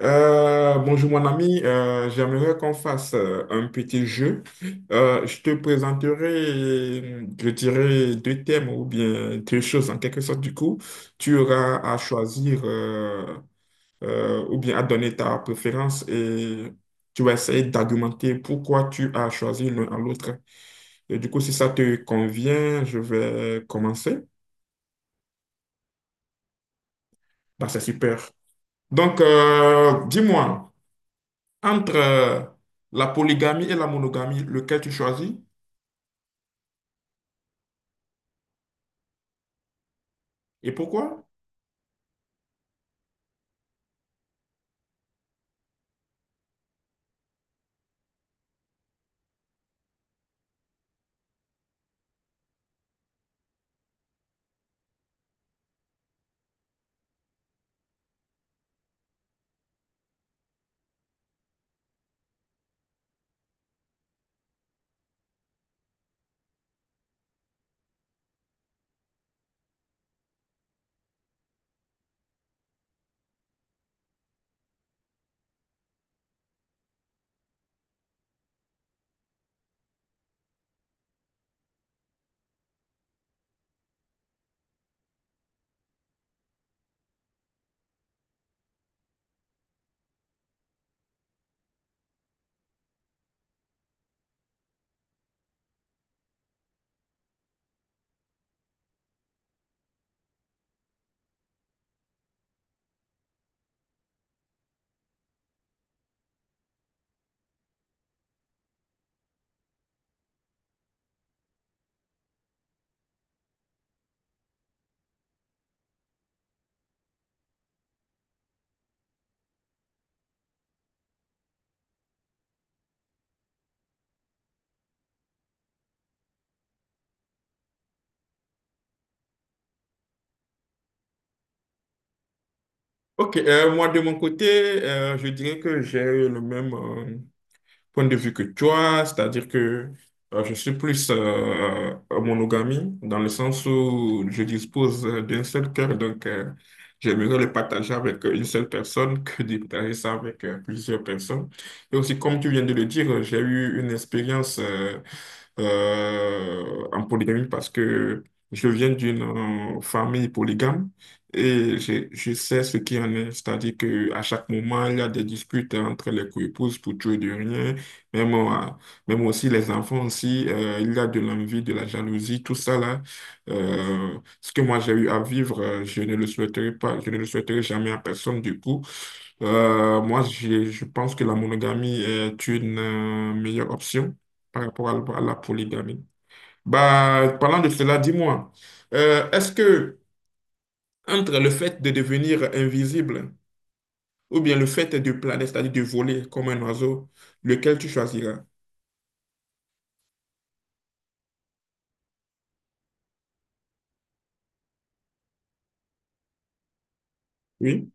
Bonjour mon ami. J'aimerais qu'on fasse un petit jeu. Je te présenterai, je dirais, deux thèmes ou bien deux choses en quelque sorte. Du coup, tu auras à choisir ou bien à donner ta préférence et tu vas essayer d'argumenter pourquoi tu as choisi l'un à l'autre. Et du coup, si ça te convient, je vais commencer. Bah, c'est super. Donc, dis-moi. Entre la polygamie et la monogamie, lequel tu choisis et pourquoi? Ok, moi de mon côté, je dirais que j'ai le même. Point de vue que toi, c'est-à-dire que je suis plus en monogamie, dans le sens où je dispose d'un seul cœur, donc j'aimerais le partager avec une seule personne que de partager ça avec plusieurs personnes. Et aussi, comme tu viens de le dire, j'ai eu une expérience en polygamie parce que je viens d'une famille polygame. Et je sais ce qui en est, c'est-à-dire qu'à chaque moment, il y a des disputes entre les coépouses pour tuer de rien. Même, moi- Même aussi les enfants aussi, il y a de l'envie, de la jalousie, tout ça là. Ce que moi j'ai eu à vivre, je ne le souhaiterais pas, je ne le souhaiterais jamais à personne du coup. Je pense que la monogamie est une meilleure option par rapport à la polygamie. Bah, parlant de cela, dis-moi, est-ce que entre le fait de devenir invisible ou bien le fait de planer, c'est-à-dire de voler comme un oiseau, lequel tu choisiras? Oui.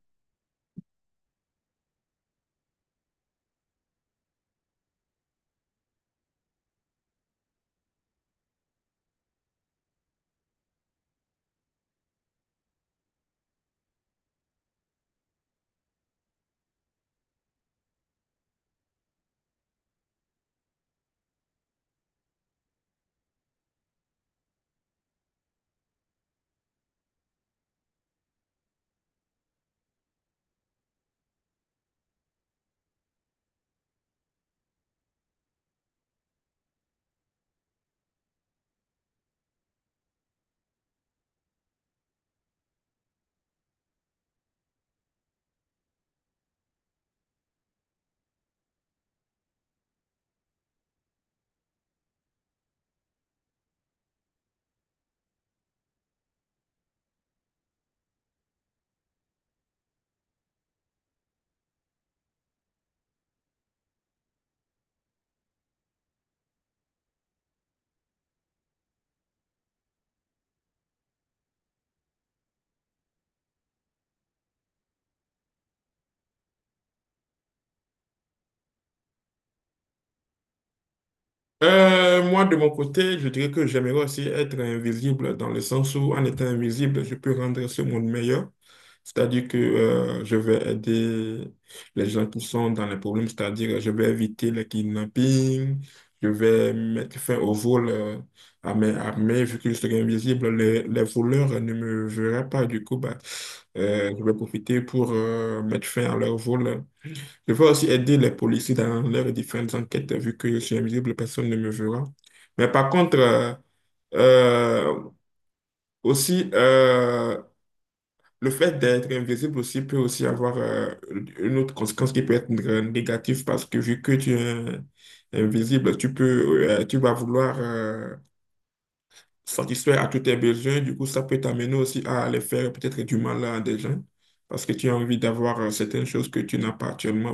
Moi, de mon côté, je dirais que j'aimerais aussi être invisible dans le sens où, en étant invisible, je peux rendre ce monde meilleur. C'est-à-dire que je vais aider les gens qui sont dans les problèmes, c'est-à-dire je vais éviter les kidnappings, je vais mettre fin au vol à mes, à vu que je serai invisible, les voleurs ne me verraient pas. Du coup, bah, je vais profiter pour mettre fin à leur vol. Je veux aussi aider les policiers dans leurs différentes enquêtes, vu que je suis invisible, personne ne me verra. Mais par contre, euh, aussi, euh, le fait d'être invisible aussi peut aussi avoir une autre conséquence qui peut être négative parce que vu que tu es invisible, tu peux, tu vas vouloir satisfaire à tous tes besoins. Du coup, ça peut t'amener aussi à aller faire peut-être du mal à des gens parce que tu as envie d'avoir certaines choses que tu n'as pas actuellement.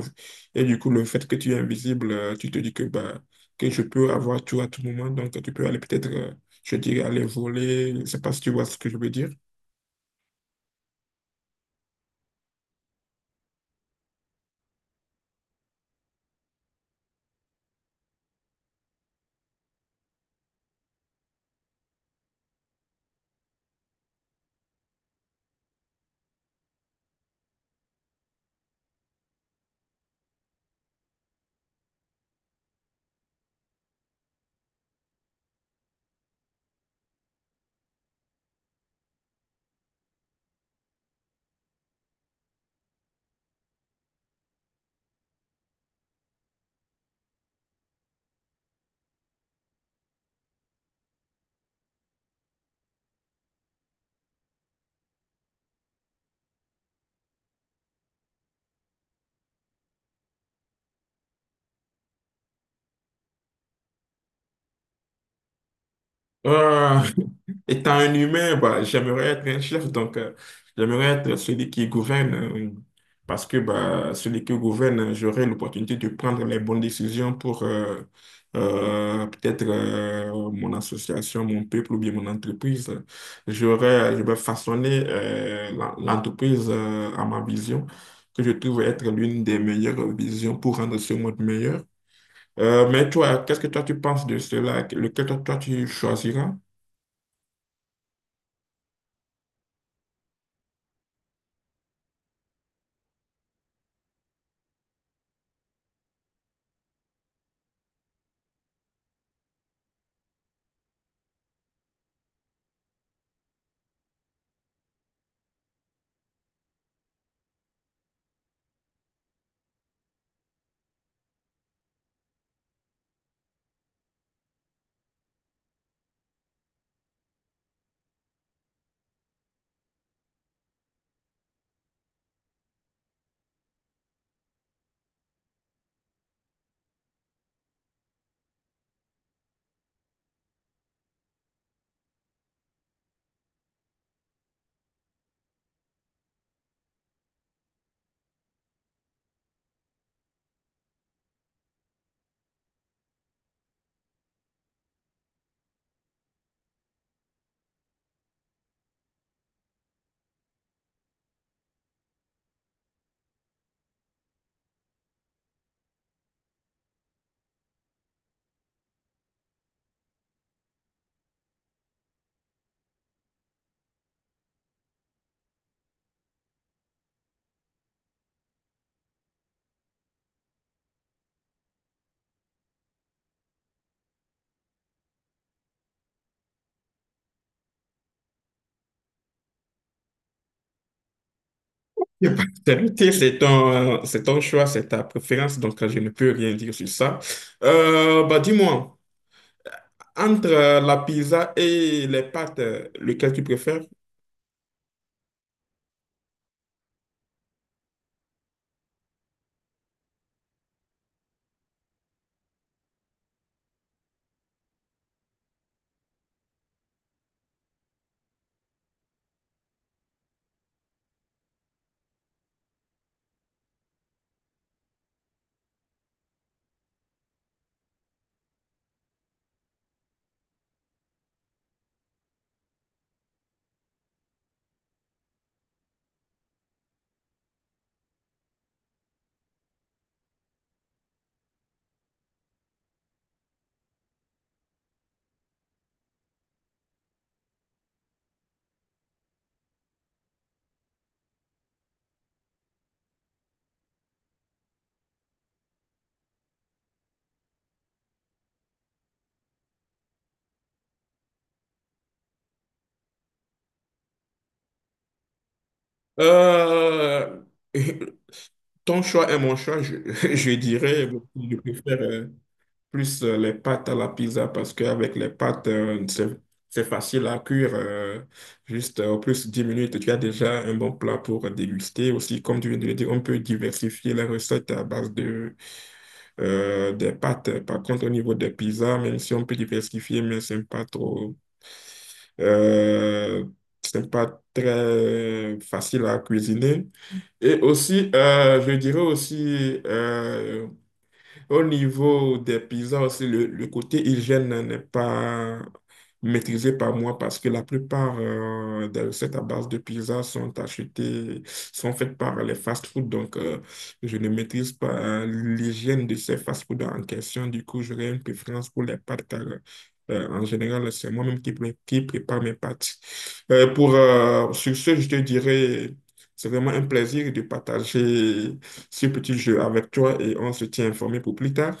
Et du coup, le fait que tu es invisible, tu te dis que, bah, que je peux avoir tout à tout moment. Donc, tu peux aller peut-être, je dirais, aller voler. Je ne sais pas si tu vois ce que je veux dire. Euh, Étant un humain, bah, j'aimerais être un chef, donc j'aimerais être celui qui gouverne, parce que bah, celui qui gouverne, j'aurai l'opportunité de prendre les bonnes décisions pour peut-être mon association, mon peuple ou bien mon entreprise. J'aurai je vais façonner l'entreprise à ma vision, que je trouve être l'une des meilleures visions pour rendre ce monde meilleur. Mais toi, qu'est-ce que toi tu penses de cela? Lequel toi, tu choisiras? Je vais pas t'inviter. C'est ton choix, c'est ta préférence, donc je ne peux rien dire sur ça. Bah, dis-moi, entre la pizza et les pâtes, lequel tu préfères? Euh, ton choix et mon choix, je dirais, je préfère. Plus les pâtes à la pizza parce qu'avec les pâtes, c'est facile à cuire. Juste en plus 10 minutes, tu as déjà un bon plat pour déguster. Aussi, comme tu viens de le dire, on peut diversifier les recettes à base de, des pâtes. Par contre, au niveau des pizzas, même si on peut diversifier, mais c'est pas trop. euh, c'est pas très facile à cuisiner. Et aussi, je dirais aussi. Au niveau des pizzas aussi, le côté hygiène n'est pas maîtrisé par moi parce que la plupart des recettes à base de pizza sont achetées, sont faites par les fast-food. Donc, je ne maîtrise pas l'hygiène de ces fast-food en question. Du coup, j'aurais une préférence pour les pâtes car en général, c'est moi-même qui prépare mes pâtes. Sur ce, je te dirais, c'est vraiment un plaisir de partager ce petit jeu avec toi et on se tient informé pour plus tard.